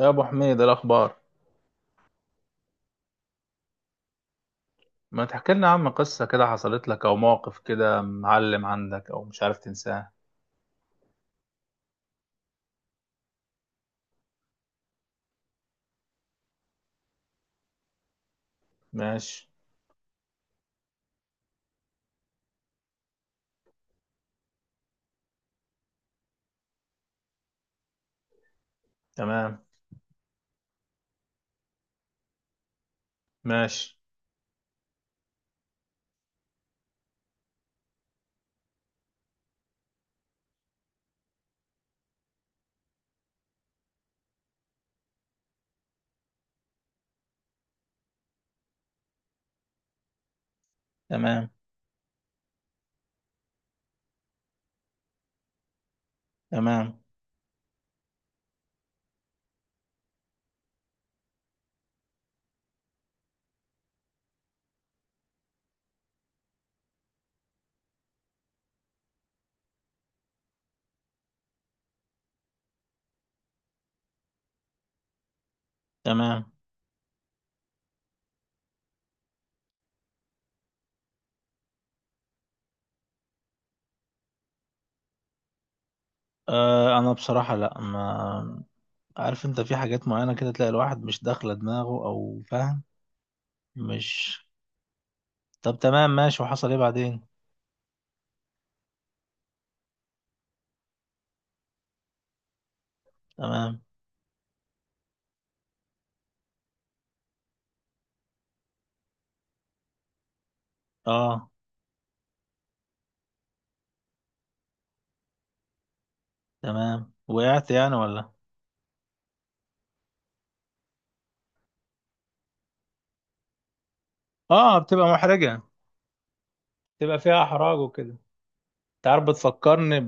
يا ابو حميد إيه الاخبار؟ ما تحكي لنا عم قصه كده حصلت لك او موقف كده معلم عندك او مش عارف تنساه. ماشي. تمام. ماشي. تمام. تمام. تمام. آه انا بصراحه لا، ما عارف، انت في حاجات معينه كده تلاقي الواحد مش داخله دماغه او فاهم، مش... طب تمام، ماشي، وحصل ايه بعدين؟ تمام. اه. تمام. وقعت يعني ولا... اه، بتبقى محرجه، بتبقى فيها احراج وكده. انت عارف بتفكرني،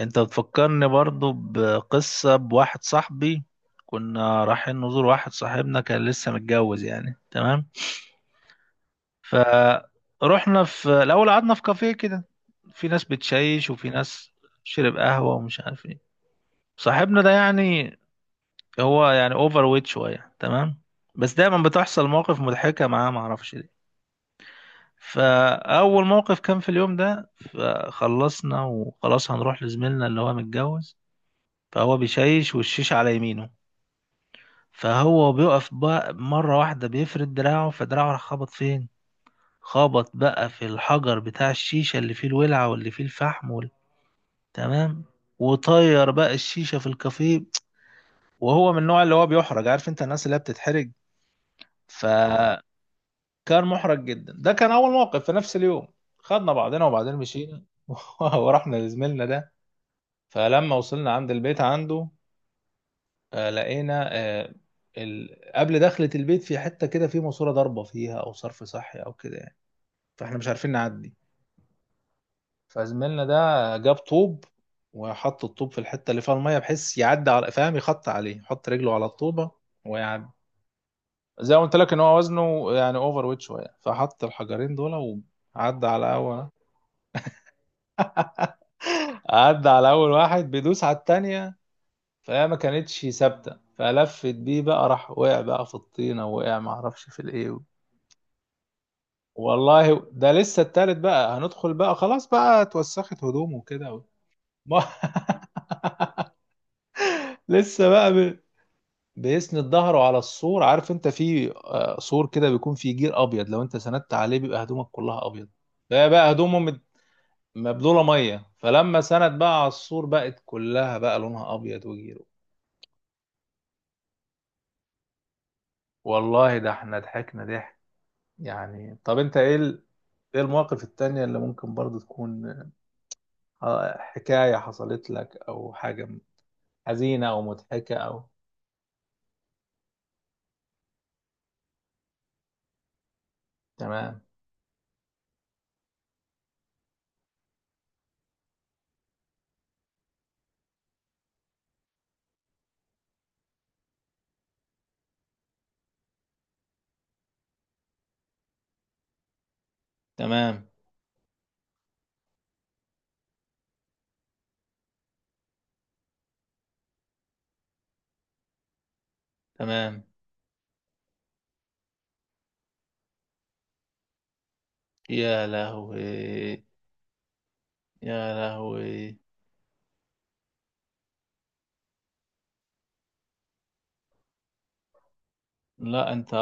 انت بتفكرني برضو بقصة بواحد صاحبي. كنا رايحين نزور واحد صاحبنا كان لسه متجوز يعني، تمام. فروحنا في الأول قعدنا في كافيه كده، في ناس بتشيش وفي ناس شرب قهوة ومش عارف ايه. صاحبنا ده يعني هو يعني اوفر ويت شوية، تمام، بس دايما بتحصل مواقف مضحكة معاه، معرفش ليه. فأول موقف كان في اليوم ده، فخلصنا وخلاص هنروح لزميلنا اللي هو متجوز. فهو بيشيش والشيش على يمينه، فهو بيقف بقى مرة واحدة بيفرد دراعه، فدراعه راح خبط فين؟ خبط بقى في الحجر بتاع الشيشة اللي فيه الولعة واللي فيه الفحم وال... تمام، وطير بقى الشيشة في الكافيه. وهو من النوع اللي هو بيحرج، عارف انت الناس اللي هي بتتحرج، فكان محرج جدا. ده كان اول موقف في نفس اليوم. خدنا بعضنا وبعدين مشينا ورحنا لزميلنا ده. فلما وصلنا عند البيت عنده، لقينا ال... قبل دخلة البيت في حتة كده في ماسورة ضاربة فيها أو صرف صحي أو كده يعني. فإحنا مش عارفين نعدي. فزميلنا ده جاب طوب، وحط الطوب في الحتة اللي فيها المية، بحيث يعدي على، فاهم، يخط عليه، يحط رجله على الطوبة ويعدي. زي ما قلت لك إن هو وزنه يعني أوفر ويت شوية، فحط الحجرين دول وعدى على أول... عدى على أول واحد، بيدوس على التانية فهي ما كانتش ثابتة، فلفت بيه بقى، راح وقع بقى في الطينة، وقع معرفش في الإيه. والله ده لسه التالت بقى، هندخل بقى خلاص بقى، اتوسخت هدومه كده و... ما لسه بقى بيسند ظهره على السور. عارف انت في سور كده بيكون فيه جير ابيض، لو انت سندت عليه بيبقى هدومك كلها ابيض. ده بقى هدومه مبلوله ميه، فلما سند بقى على السور بقت كلها بقى لونها ابيض وجيره. والله ده احنا ضحكنا ضحك يعني. طب انت ايه ال... ايه المواقف التانية اللي ممكن برضو تكون حكاية حصلت لك او حاجة حزينة أو مضحكة أو... تمام. تمام. تمام. يا لهوي. يا لهوي. لا أنت...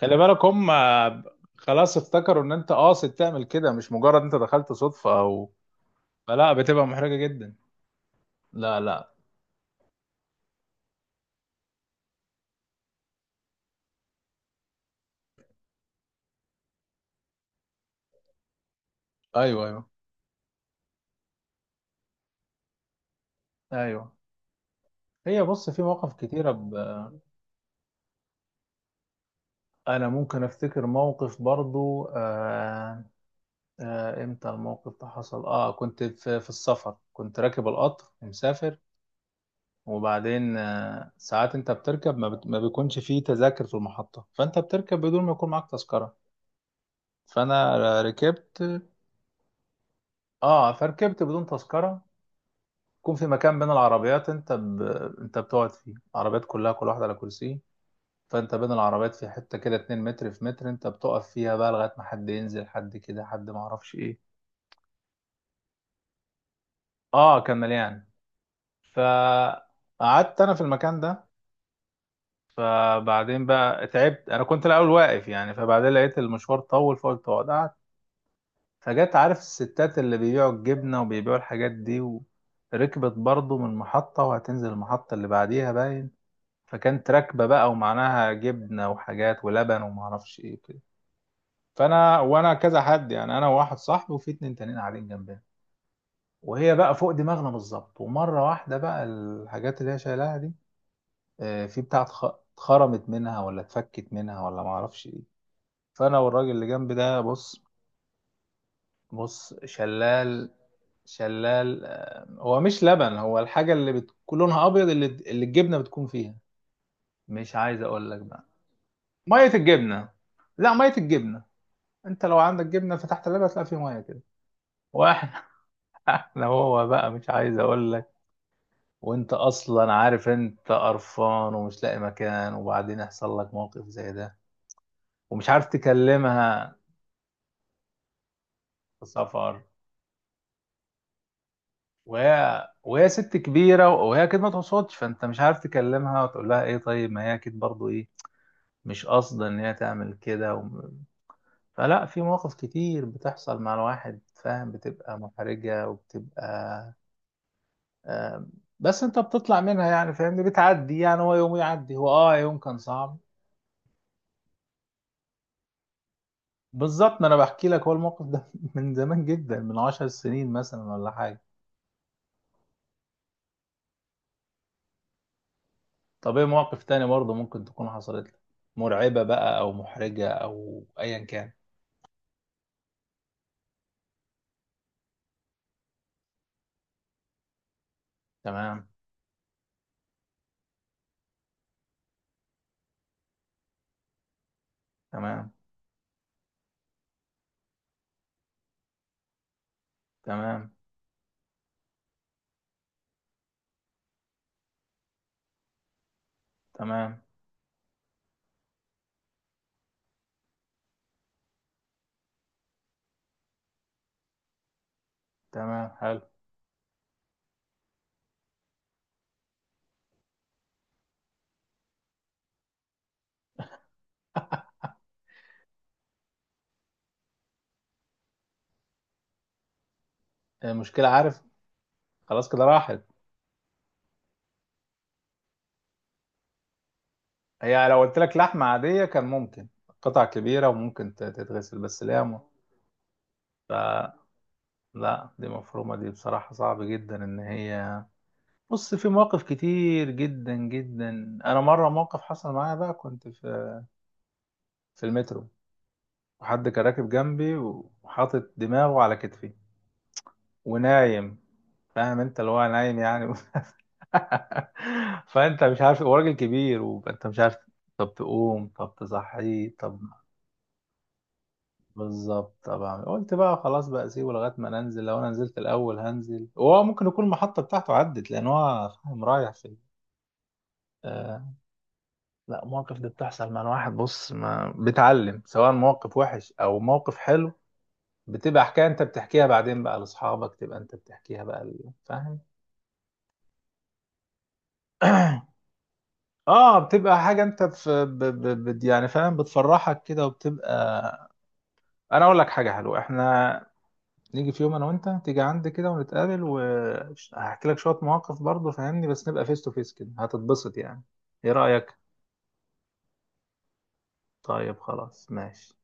خلي بالك هم خلاص افتكروا إن أنت قاصد تعمل كده، مش مجرد أنت دخلت صدفة أو... فلا، بتبقى محرجة جدا. لا لا. أيوه أيوه. أيوه، هي بص، في مواقف كتيرة ب... أنا ممكن أفتكر موقف برضو إمتى الموقف ده حصل؟ آه، كنت في... في السفر، كنت راكب القطر مسافر. وبعدين ساعات انت بتركب ما بيكونش فيه تذاكر في المحطة، فانت بتركب بدون ما يكون معاك تذكرة. فانا ركبت، اه، فركبت بدون تذكرة. يكون في مكان بين العربيات انت انت بتقعد فيه، العربيات كلها كل واحدة على كرسي. فانت بين العربيات في حتة كده 2 متر في متر، انت بتقف فيها بقى لغاية ما حد ينزل، حد كده، حد ما اعرفش ايه. اه كان مليان. فقعدت انا في المكان ده. فبعدين بقى تعبت، انا كنت الاول واقف يعني، فبعدين لقيت المشوار طول، فقلت اقعد، قعدت. فجت، عارف الستات اللي بيبيعوا الجبنه وبيبيعوا الحاجات دي، وركبت برضو من محطه وهتنزل المحطه اللي بعديها باين. فكانت راكبه بقى، ومعناها جبنه وحاجات ولبن وما اعرفش ايه وكده. فانا وانا كذا حد يعني، انا وواحد صاحبي وفي اتنين تانيين قاعدين جنبنا، وهي بقى فوق دماغنا بالظبط. ومره واحده بقى الحاجات اللي هي شايلاها دي، في بتاعه اتخرمت منها ولا اتفكت منها ولا ما اعرفش إيه. فانا والراجل اللي جنبي ده بص، بص شلال. شلال هو مش لبن، هو الحاجه اللي بتكون لونها ابيض اللي الجبنه بتكون فيها. مش عايز اقول لك بقى، ميه الجبنه. لا، ميه الجبنه. انت لو عندك جبنه فتحت اللبن هتلاقي فيه ميه كده. واحنا... احنا هو بقى مش عايز اقول لك. وانت اصلا عارف انت قرفان ومش لاقي مكان، وبعدين يحصل لك موقف زي ده ومش عارف تكلمها. في سفر، وهي ست كبيرة وهي أكيد ما تقصدش، فأنت مش عارف تكلمها وتقول لها إيه. طيب ما هي أكيد برضو إيه، مش قاصدة إن هي تعمل كده و... فلا، في مواقف كتير بتحصل مع الواحد، فاهم، بتبقى محرجة وبتبقى... آم، بس أنت بتطلع منها يعني، فاهمني، بتعدي يعني، هو يوم يعدي، هو آه يوم كان صعب. بالظبط، ما أنا بحكي لك هو الموقف ده من زمان جدا، من 10 سنين مثلا، ولا حاجة. طب إيه مواقف تاني برضو ممكن تكون حصلت لك مرعبة بقى أو محرجة أو أيا كان؟ تمام. تمام. تمام. تمام. تمام. حلو. المشكلة، عارف، خلاص كده راحت. هي لو قلت لك لحمة عادية كان ممكن قطع كبيرة وممكن تتغسل، بس لا ف-... لا، دي مفرومة، دي بصراحة صعب جدا إن هي... بص، في مواقف كتير جدا جدا. أنا مرة موقف حصل معايا بقى، كنت في... في المترو، وحد كان راكب جنبي، وحاطط دماغه على كتفي ونايم. فاهم أنت اللي هو نايم يعني فانت مش عارف، هو راجل كبير وانت مش عارف طب تقوم، طب تصحيه، طب... بالظبط. طبعا قلت بقى خلاص بقى سيبه لغايه ما ننزل، لو انا نزلت الاول هنزل، وهو ممكن يكون المحطه بتاعته عدت، لان هو فاهم رايح في... آه. لا مواقف دي بتحصل مع الواحد، بص، ما بيتعلم، سواء موقف وحش او موقف حلو. بتبقى حكايه انت بتحكيها بعدين بقى لاصحابك، تبقى انت بتحكيها بقى ل-... فاهم. اه، بتبقى حاجه انت في ب... ب... ب... يعني فاهم، بتفرحك كده وبتبقى... انا اقول لك حاجه حلوه، احنا نيجي في يوم انا وانت، تيجي عندي كده ونتقابل، وهحكي لك شويه مواقف برضه، فاهمني، بس نبقى فيس تو فيس كده هتتبسط يعني. ايه رايك؟ طيب خلاص ماشي.